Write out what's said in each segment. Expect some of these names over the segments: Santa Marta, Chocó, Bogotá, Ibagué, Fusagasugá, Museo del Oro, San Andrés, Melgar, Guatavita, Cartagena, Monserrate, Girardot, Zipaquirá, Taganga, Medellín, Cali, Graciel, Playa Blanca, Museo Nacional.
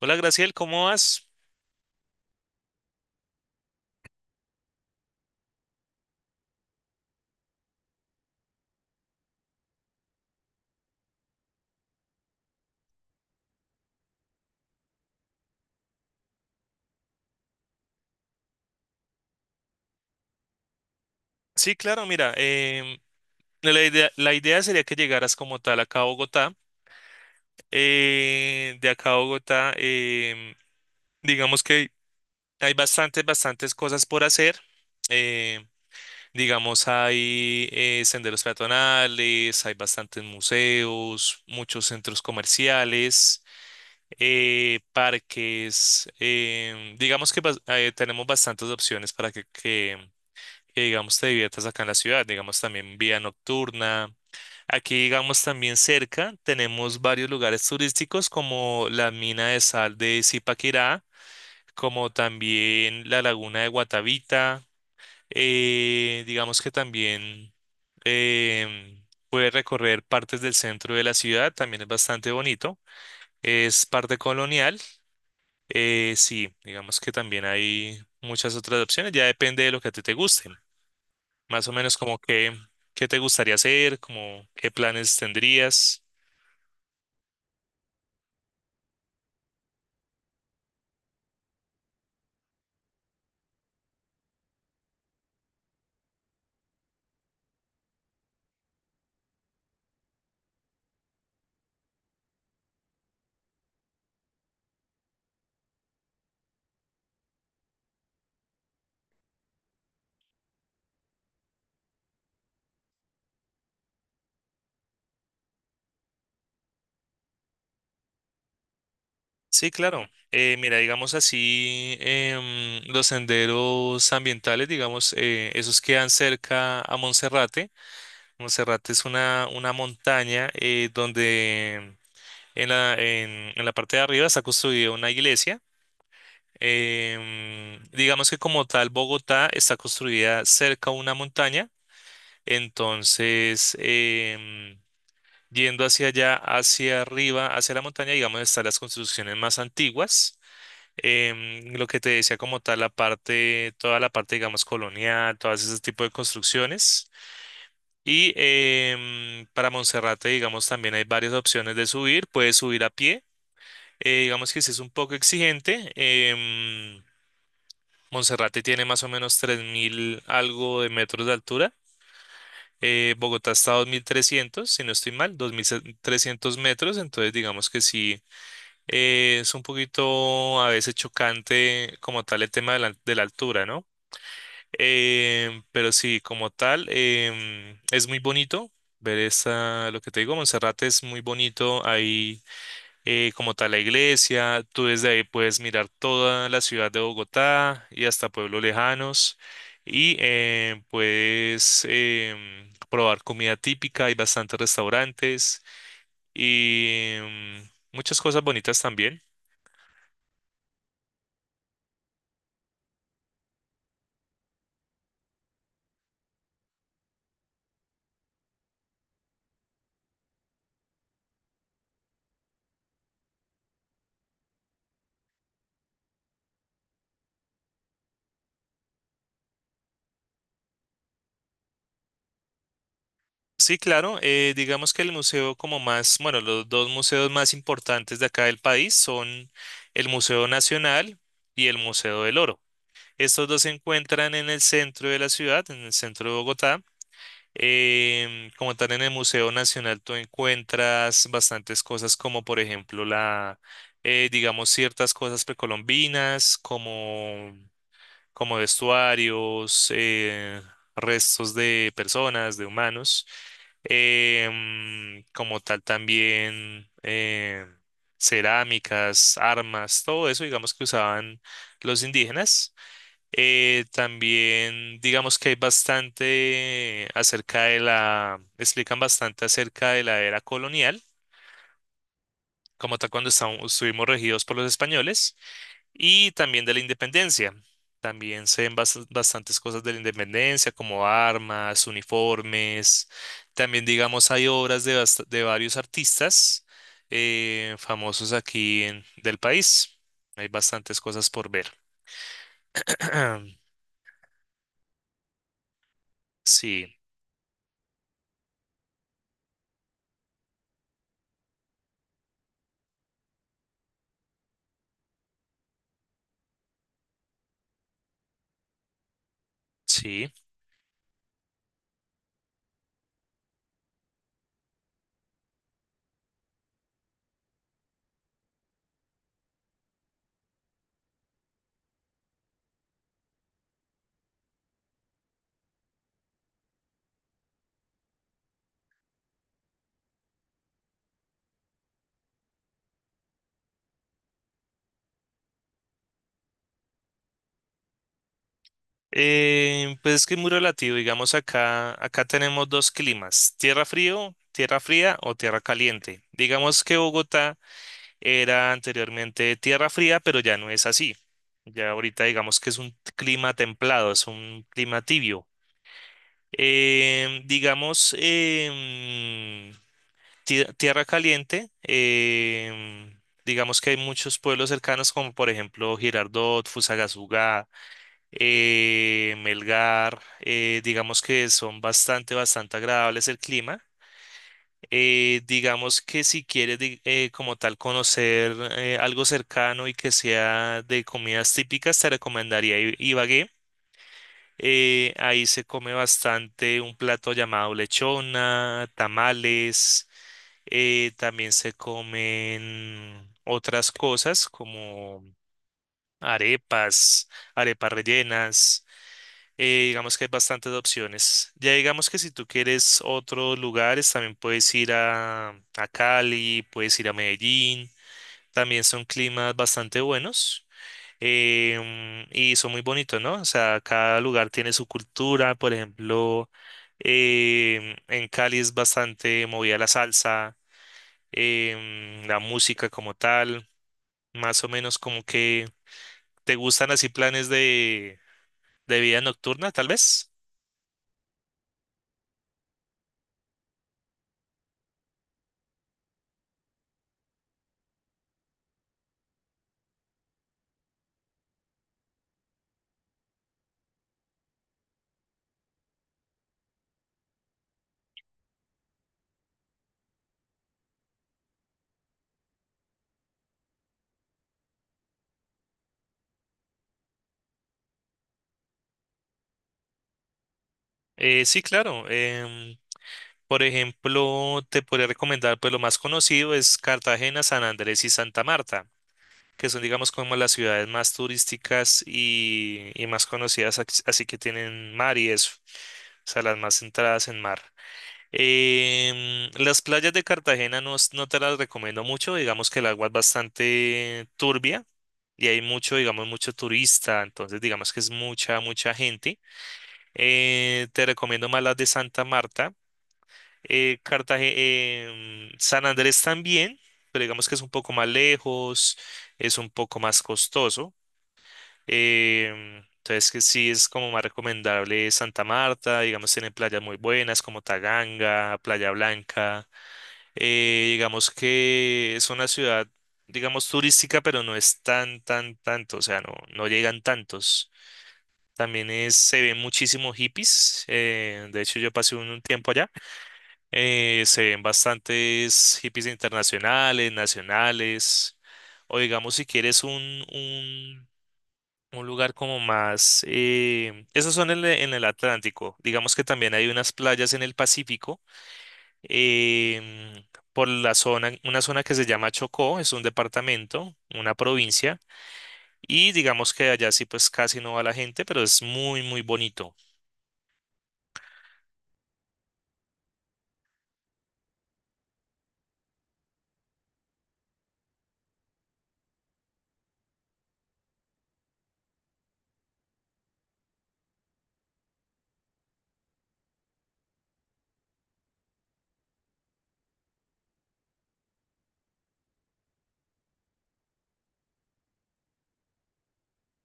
Hola Graciel, ¿cómo vas? Sí, claro, mira, la idea sería que llegaras como tal acá a Bogotá. De acá a Bogotá, digamos que hay bastantes cosas por hacer. Eh, digamos, hay senderos peatonales, hay bastantes museos, muchos centros comerciales, parques. Tenemos bastantes opciones para que digamos te diviertas acá en la ciudad, digamos también vía nocturna. Aquí digamos también cerca tenemos varios lugares turísticos como la mina de sal de Zipaquirá, como también la laguna de Guatavita, digamos que también em, puedes recorrer partes del centro de la ciudad, también es bastante bonito. Es parte colonial, sí, digamos que también hay muchas otras opciones, ya depende de lo que a ti te guste. Más o menos como que, qué te gustaría hacer, como qué planes tendrías. Sí, claro. Mira, digamos así, em, los senderos ambientales, digamos, esos quedan cerca a Monserrate. Monserrate es una montaña donde en la parte de arriba está construida una iglesia. Em, digamos que como tal, Bogotá está construida cerca a una montaña. Entonces, em, yendo hacia allá, hacia arriba, hacia la montaña, digamos, están las construcciones más antiguas. Em, lo que te decía como tal, la parte, toda la parte, digamos, colonial, todas ese tipo de construcciones. Y em, para Monserrate, digamos, también hay varias opciones de subir. Puedes subir a pie. Eh, digamos que sí es un poco exigente. Em, Monserrate tiene más o menos 3000 algo de metros de altura. Eh, Bogotá está a 2300 si no estoy mal, 2300 metros. Entonces, digamos que sí. Es un poquito a veces chocante como tal el tema de la altura, ¿no? Em, pero sí, como tal, em, es muy bonito ver esa, lo que te digo, Monserrate es muy bonito, ahí como tal la iglesia, tú desde ahí puedes mirar toda la ciudad de Bogotá y hasta pueblos lejanos y em, puedes em, probar comida típica, hay bastantes restaurantes y em, muchas cosas bonitas también. Sí, claro. Eh, digamos que el museo como más, bueno, los dos museos más importantes de acá del país son el Museo Nacional y el Museo del Oro. Estos dos se encuentran en el centro de la ciudad, en el centro de Bogotá. Em, como tal, en el Museo Nacional tú encuentras bastantes cosas como, por ejemplo, la, digamos, ciertas cosas precolombinas, como vestuarios, restos de personas, de humanos, em, como tal también cerámicas, armas, todo eso, digamos que usaban los indígenas. También digamos que hay bastante acerca de la, explican bastante acerca de la era colonial, como tal cuando estuvimos regidos por los españoles y también de la independencia. También se ven bastantes cosas de la independencia, como armas, uniformes. También, digamos, hay obras de, de varios artistas famosos del país. Hay bastantes cosas por ver. Sí, sí. Pues es que es muy relativo. Digamos, acá tenemos dos climas, tierra frío, tierra fría o tierra caliente. Digamos que Bogotá era anteriormente tierra fría, pero ya no es así. Ya ahorita digamos que es un clima templado, es un clima tibio. Em, digamos, em, tierra caliente, em, digamos que hay muchos pueblos cercanos como por ejemplo Girardot, Fusagasugá, Melgar, digamos que son bastante agradables el clima digamos que si quieres como tal conocer algo cercano y que sea de comidas típicas, te recomendaría Ibagué. Ahí se come bastante un plato llamado lechona, tamales, también se comen otras cosas como arepas, arepas rellenas digamos que hay bastantes opciones. Ya digamos que si tú quieres otros lugares, también puedes ir a Cali, puedes ir a Medellín. También son climas bastante buenos em, y son muy bonitos, ¿no? O sea, cada lugar tiene su cultura. Por ejemplo, em, en Cali es bastante movida la salsa, em, la música como tal. Más o menos como que te gustan así planes de vida nocturna, tal vez. Sí, claro. Em, por ejemplo, te podría recomendar, pues lo más conocido es Cartagena, San Andrés y Santa Marta, que son, digamos, como las ciudades más turísticas y más conocidas, así que tienen mar y eso, o sea, las más centradas en mar. Em, las playas de Cartagena no, no te las recomiendo mucho, digamos que el agua es bastante turbia y hay mucho, digamos, mucho turista, entonces digamos que es mucha, mucha gente. Te recomiendo más las de Santa Marta Cartagena, em, San Andrés también, pero digamos que es un poco más lejos, es un poco más costoso. Em, entonces que sí es como más recomendable Santa Marta, digamos tienen playas muy buenas como Taganga, Playa Blanca. Digamos que es una ciudad, digamos turística, pero no es tan, tan, tanto, o sea, no, no llegan tantos. También es, se ven muchísimos hippies. Eh, de hecho, yo pasé un tiempo allá. Se ven bastantes hippies internacionales, nacionales, o digamos si quieres un lugar como más... esos son en el Atlántico. Digamos que también hay unas playas en el Pacífico, em, por la zona, una zona que se llama Chocó, es un departamento, una provincia, y digamos que allá sí pues casi no va la gente, pero es muy, muy bonito.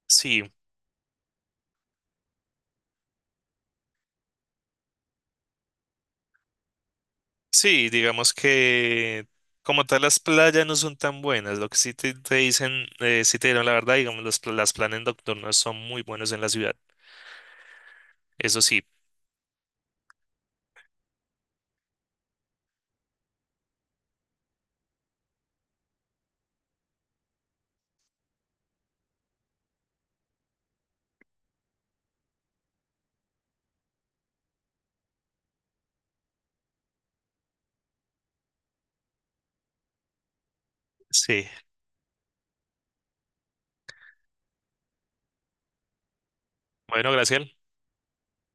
Sí. Sí, digamos que como tal las playas no son tan buenas. Lo que sí te dicen, sí te dieron la verdad, digamos, los, las planes nocturnos son muy buenos en la ciudad. Eso sí, sí. Bueno, Graciel,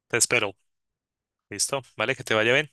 te espero. Listo, vale, que te vaya bien.